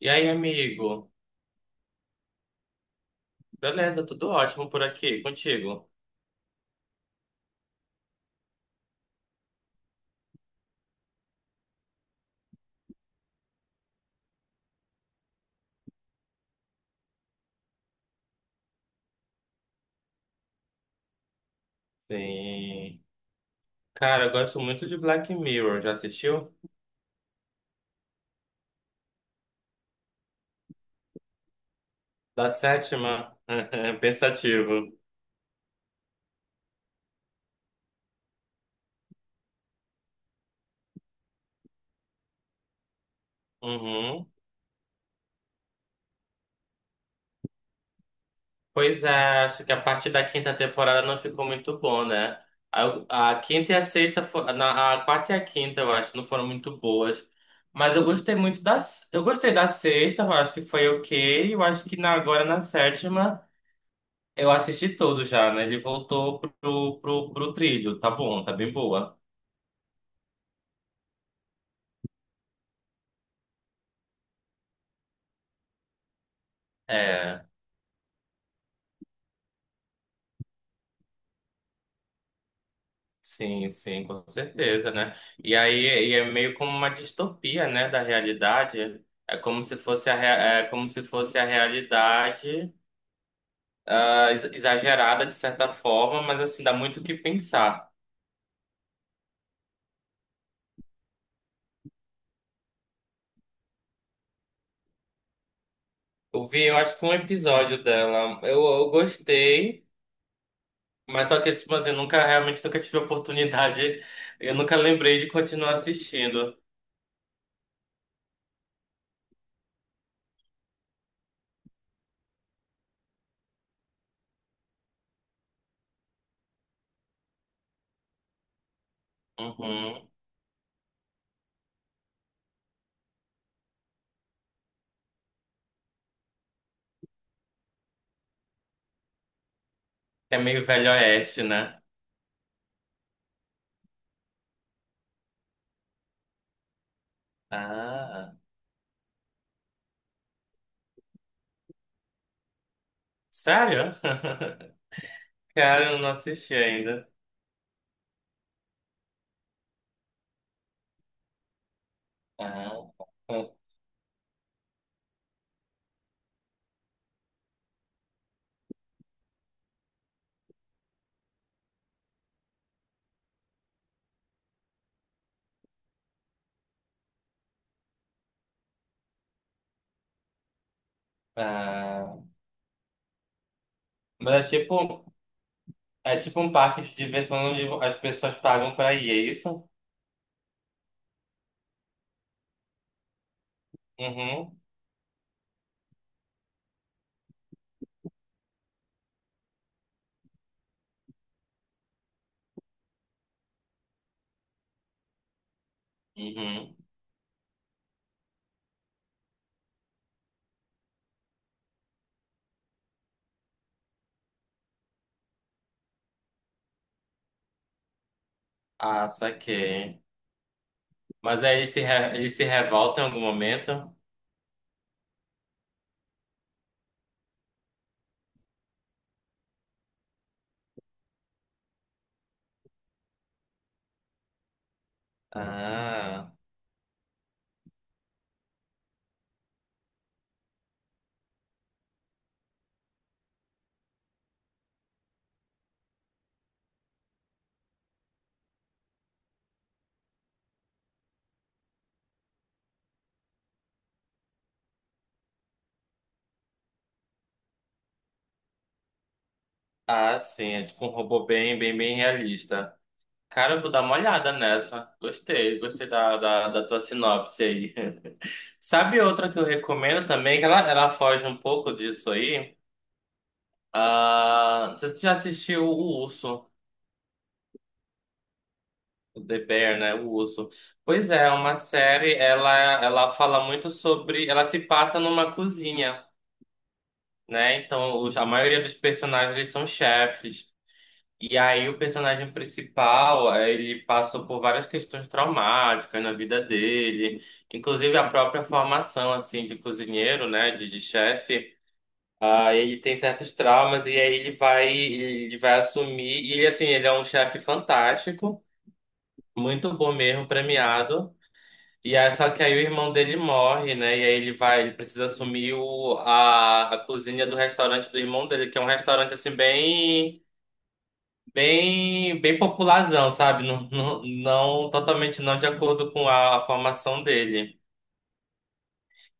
E aí, amigo? Beleza, tudo ótimo por aqui, contigo? Sim. Cara, eu gosto muito de Black Mirror, já assistiu? Da sétima? Pensativo. Uhum. Pois é, acho que a partir da quinta temporada não ficou muito bom, né? A quinta e a sexta, a quarta e a quinta, eu acho, não foram muito boas. Mas eu gostei muito das. Eu gostei da sexta, eu acho que foi ok. Eu acho que na, agora na sétima. Eu assisti todo já, né? Ele voltou pro trilho. Tá bom, tá bem boa. É, sim, sim, com certeza, né? E aí e é meio como uma distopia, né, da realidade. É como se fosse é como se fosse a realidade exagerada de certa forma, mas assim, dá muito o que pensar. Eu vi, eu acho que um episódio dela. Eu gostei, mas só que, tipo assim, eu nunca realmente nunca tive oportunidade. Eu nunca lembrei de continuar assistindo. Uhum. É meio velho oeste, né? Ah, sério? Cara, eu não assisti ainda. Ah, ah. Ah. Mas é tipo um parque de diversão onde as pessoas pagam pra ir, é isso? Uhum, uhum. Ah, saquei. Mas aí eles se, eles se revolta em algum momento? Ah, ah, sim, é tipo um robô bem, bem, bem realista. Cara, eu vou dar uma olhada nessa. Gostei, gostei da tua sinopse aí. Sabe outra que eu recomendo também, que ela foge um pouco disso aí? Ah, não sei se você já assistiu O Urso, o The Bear, né? O Urso. Pois é, é uma série, ela fala muito sobre. Ela se passa numa cozinha, né? Então, a maioria dos personagens eles são chefes. E aí, o personagem principal, ele passou por várias questões traumáticas na vida dele, inclusive a própria formação, assim, de cozinheiro, né? De chefe. Ah, ele tem certos traumas e aí ele vai assumir. E ele, assim, ele é um chefe fantástico, muito bom mesmo, premiado. E aí, só que aí o irmão dele morre, né? E aí ele vai, ele precisa assumir a cozinha do restaurante do irmão dele, que é um restaurante, assim, bem, bem, bem popularzão, sabe? Totalmente não de acordo com a formação dele.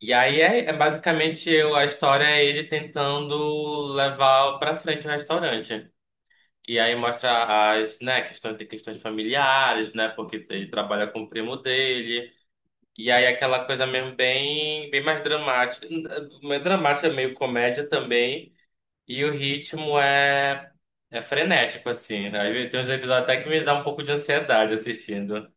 E aí é, a história é ele tentando levar pra frente o restaurante. E aí mostra as, né, questões de questões familiares, né, porque ele trabalha com o primo dele. E aí aquela coisa mesmo bem, bem mais dramática, meio comédia também. E o ritmo é frenético assim, né? Aí tem uns episódios até que me dá um pouco de ansiedade assistindo.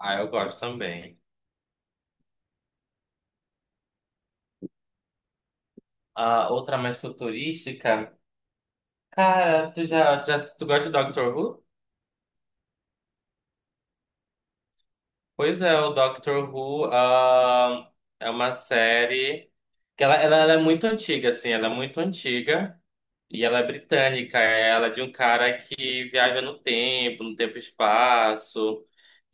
Ah, eu gosto também. A outra mais futurística, cara, tu gosta de Doctor Who? Pois é, o Doctor Who, ah, é uma série que ela é muito antiga, assim, ela é muito antiga e ela é britânica, ela é de um cara que viaja no tempo, no tempo e espaço,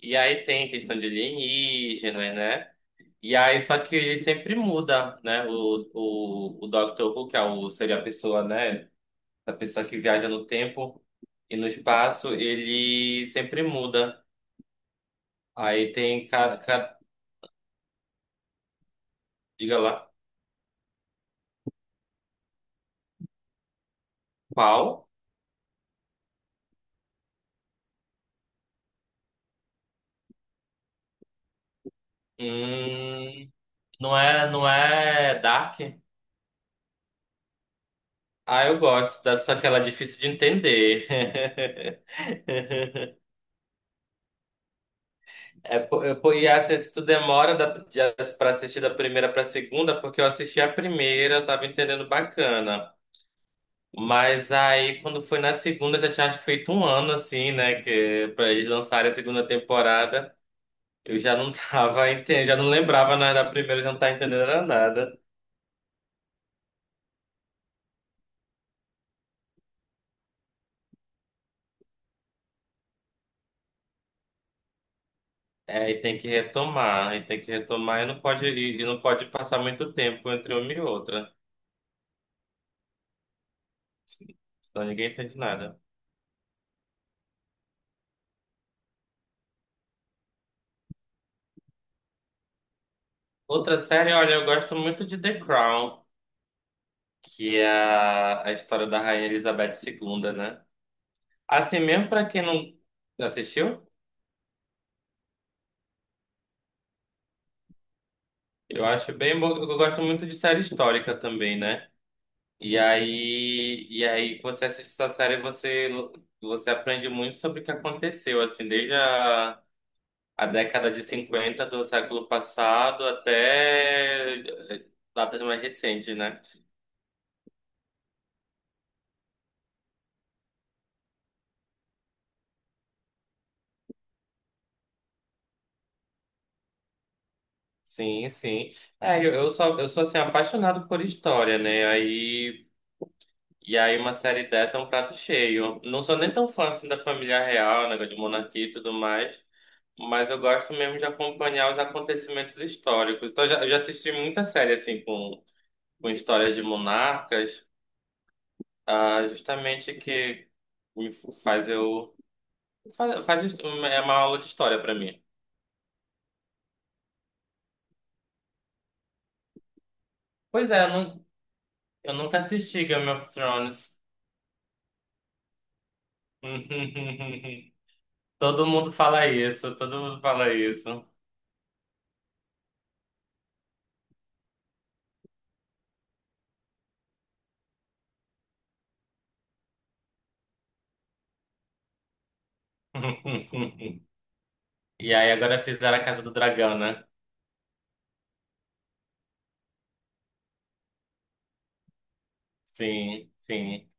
e aí tem questão de alienígena, né? E aí, só que ele sempre muda, né? O Doctor Who, que é o, seria a pessoa, né? A pessoa que viaja no tempo e no espaço, ele sempre muda. Aí tem cada, diga lá. Qual? Hum, não é, não é Dark? Ah, eu gosto, só que ela é difícil de entender. É, e assim, se tu demora pra assistir da primeira pra segunda, porque eu assisti a primeira, eu tava entendendo bacana. Mas aí, quando foi na segunda, já tinha acho que feito um ano, assim, né? Que, pra eles lançarem a segunda temporada, eu já não tava entendendo, já não lembrava nada da primeira, já não tava entendendo era nada. É, e tem que retomar, e tem que retomar e não pode, e não pode passar muito tempo entre uma e outra, senão ninguém entende nada. Outra série, olha, eu gosto muito de The Crown, que é a história da Rainha Elizabeth II, né? Assim mesmo pra quem não assistiu, eu acho bem, eu gosto muito de série histórica também, né? E aí você assiste essa série, você aprende muito sobre o que aconteceu, assim, desde a década de 50 do século passado até eh, datas mais recentes, né? Sim, sim. É, eu sou assim, apaixonado por história, né? Aí, e aí uma série dessa é um prato cheio. Não sou nem tão fã assim da família real, negócio de monarquia e tudo mais, mas eu gosto mesmo de acompanhar os acontecimentos históricos. Então, eu já assisti muita série assim com histórias de monarcas, ah, justamente que me f- faz eu faz, é uma aula de história pra mim. Pois é, eu nunca assisti Game of Thrones. Todo mundo fala isso, todo mundo fala isso. E aí agora fizeram a Casa do Dragão, né? Sim, sim.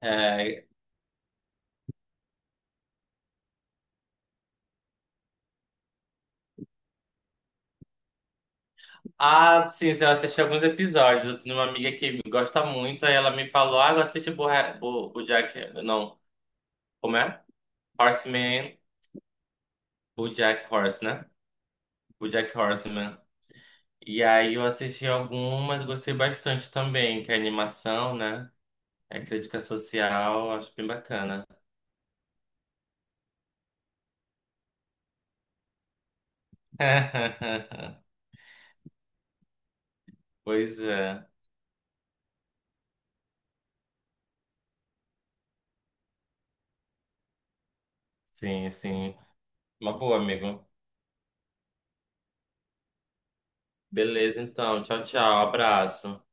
É, ah, sim, eu assisti alguns episódios. Eu tenho uma amiga que gosta muito, aí ela me falou, ah, BoJack... Não, como é? Horseman, BoJack Horse, né? BoJack Horseman. E aí eu assisti algumas, gostei bastante também, que é animação, né? É crítica social, acho bem bacana. Pois é, sim, sim. Uma boa, amigo. Beleza, então. Tchau, tchau. Abraço.